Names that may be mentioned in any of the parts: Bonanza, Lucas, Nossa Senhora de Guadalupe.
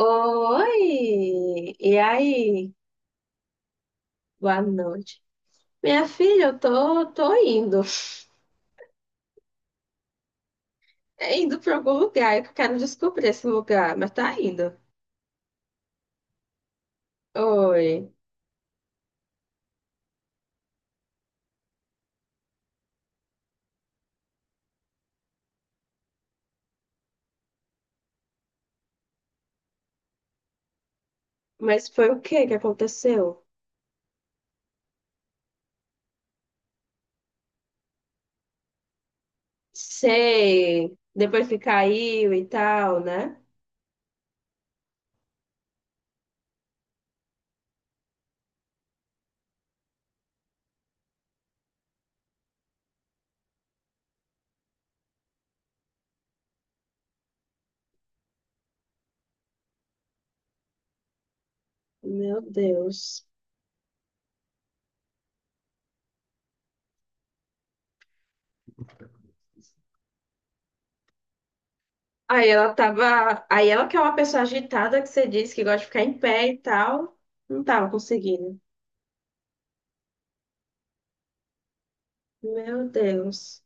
Oi! E aí? Boa noite. Minha filha, eu tô indo. É indo para algum lugar, eu quero descobrir esse lugar, mas tá indo. Oi. Mas foi o que que aconteceu? Sei. Depois que caiu e tal, né? Meu Deus. Aí ela tava. Aí ela que é uma pessoa agitada que você disse que gosta de ficar em pé e tal. Não tava conseguindo. Meu Deus.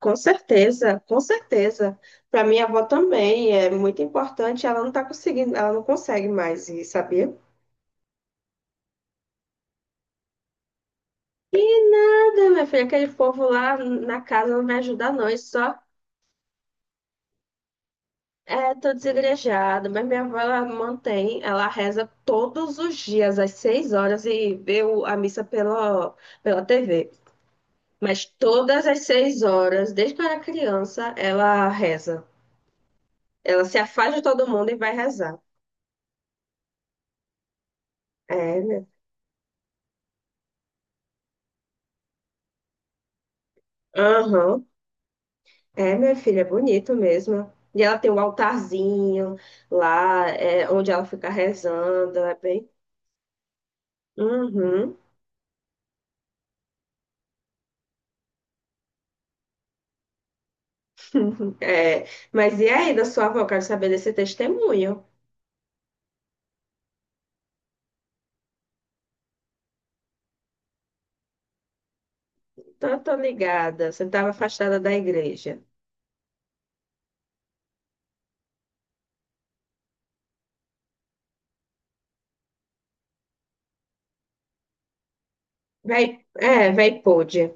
Com certeza, com certeza. Para minha avó também é muito importante. Ela não tá conseguindo, ela não consegue mais ir, sabia? Nada, minha filha, aquele povo lá na casa não me ajuda, não. É só é, tô desigrejada. Mas minha avó, ela mantém, ela reza todos os dias, às 6 horas, e vê o- a missa pela TV. Mas todas as 6 horas, desde que eu era criança, ela reza. Ela se afasta de todo mundo e vai rezar. É, né? Aham. É, minha filha, é bonito mesmo. E ela tem um altarzinho lá, é, onde ela fica rezando, é bem. Uhum. É. Mas e aí, da sua avó, quero saber desse testemunho. Então, tô ligada. Você estava afastada da igreja. Vai, é, vai pôde.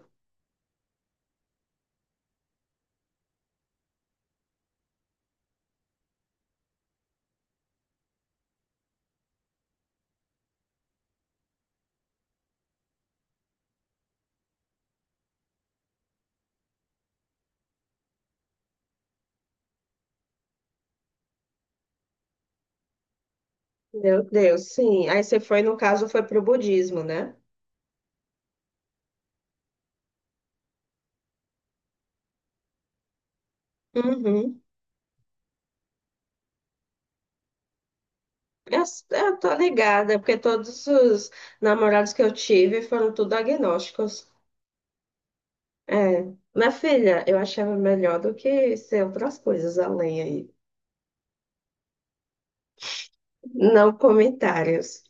Meu Deus, sim. Aí você foi, no caso, foi pro budismo, né? Uhum. Eu, eu tô ligada, porque todos os namorados que eu tive foram tudo agnósticos. É, minha filha, eu achava melhor do que ser outras coisas além aí. Não comentários.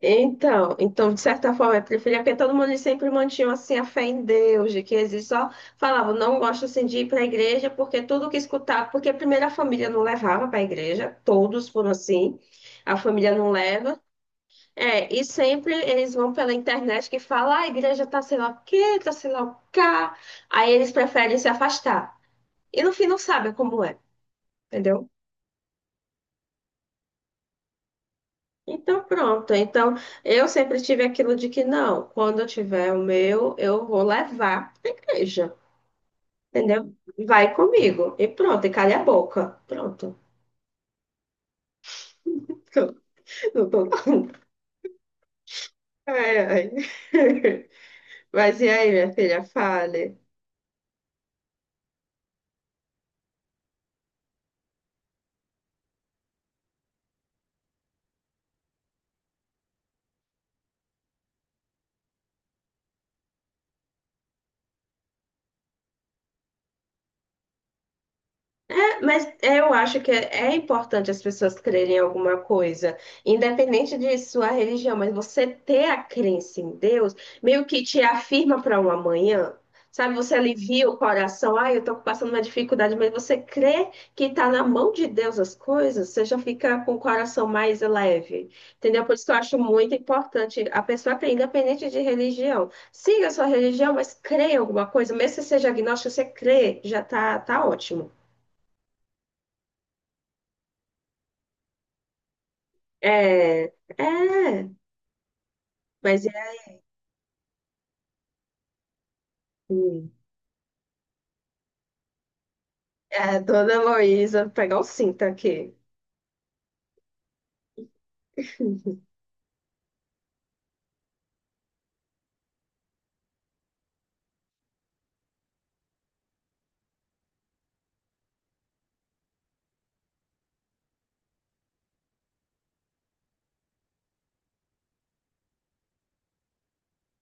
Então, então, de certa forma, eu preferia porque todo mundo sempre mantinha assim a fé em Deus, de que existe só falava, não gosto assim de ir para a igreja, porque tudo que escutava, porque primeiro a família não levava para a igreja, todos foram assim, a família não leva. É, e sempre eles vão pela internet que fala, "Ah, a igreja tá sei lá o quê, tá sei lá o cá. Aí eles preferem se afastar. E no fim não sabem como é. Entendeu? Então, pronto. Então, eu sempre tive aquilo de que não, quando eu tiver o meu, eu vou levar para a igreja, entendeu? Vai comigo. E pronto, e calha a boca. Pronto. Não tô... Ai, ai. Mas e aí, minha filha, fale. É, mas eu acho que é importante as pessoas crerem em alguma coisa, independente de sua religião, mas você ter a crença em Deus meio que te afirma para um amanhã. Sabe, você alivia o coração, ah, eu estou passando uma dificuldade, mas você crê que está na mão de Deus as coisas, você já fica com o coração mais leve, entendeu? Por isso que eu acho muito importante a pessoa crer, independente de religião. Siga a sua religião, mas crê em alguma coisa, mesmo que você seja agnóstico, você crê, já tá, tá ótimo. É, é, mas é assim. É, Dona Heloísa, vou pegar o cinto aqui.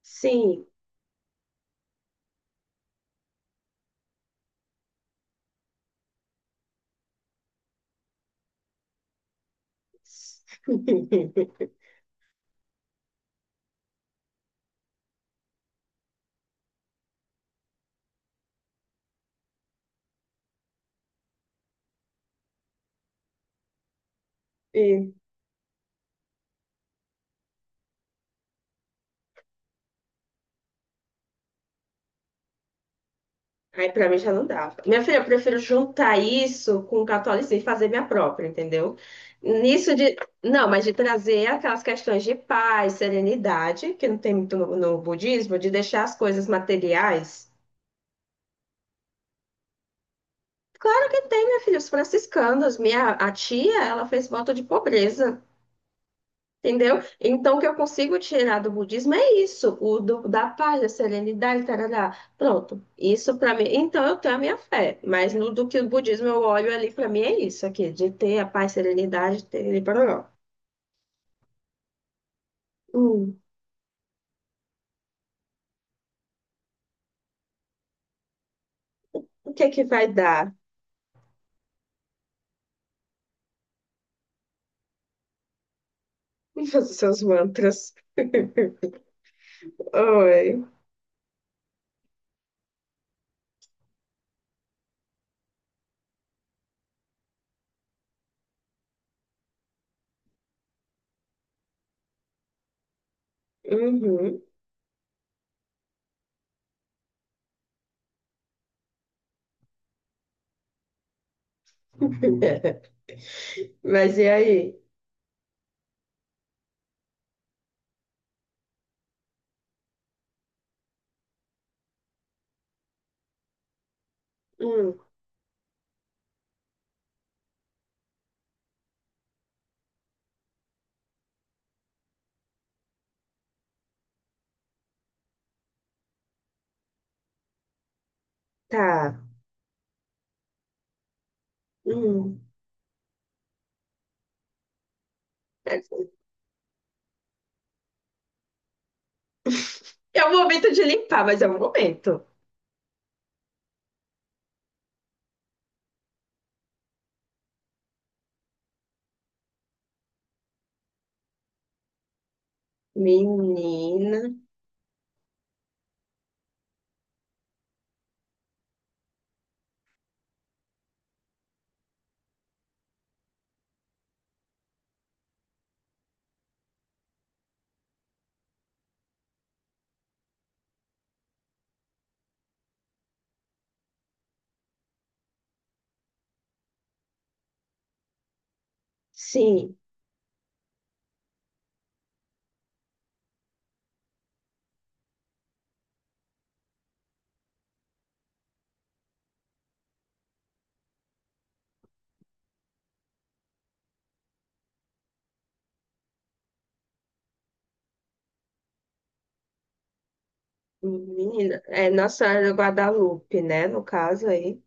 Sim. E, aí pra mim já não dá. Minha filha, eu prefiro juntar isso com o catolicismo e fazer minha própria, entendeu? Nisso de. Não, mas de trazer aquelas questões de paz, serenidade, que não tem muito no, budismo, de deixar as coisas materiais. Claro que tem, minha filha, os franciscanos. Minha a tia, ela fez voto de pobreza. Entendeu? Então, o que eu consigo tirar do budismo é isso, o do, da paz, da serenidade, tarará. Pronto, isso para mim. Então, eu tenho a minha fé, mas no do que o budismo eu olho ali, para mim é isso aqui, de ter a paz, serenidade, ter e parará. Hum, o que é que vai dar? Os seus mantras. Oi. Uhum. Mas e aí? Hum, tá. Hum. É o momento de limpar, mas é o momento. Menina. Sim, menina, é Nossa Senhora de Guadalupe, né? No caso aí.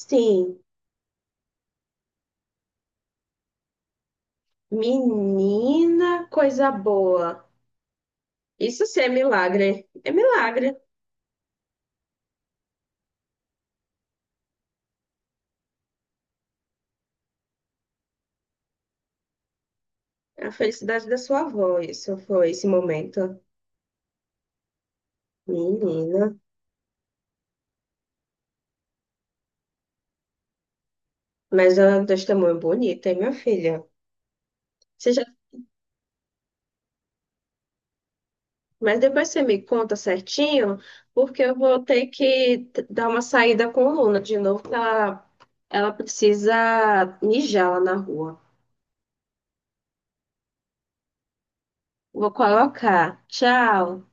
Sim, menina, coisa boa. Isso sim é milagre. É milagre. É a felicidade da sua avó, isso foi esse momento. Menina. Mas é um testemunho bonito, hein, minha filha? Você já... Mas depois você me conta certinho, porque eu vou ter que dar uma saída com a Luna de novo, que ela precisa mijar lá na rua. Vou colocar. Tchau.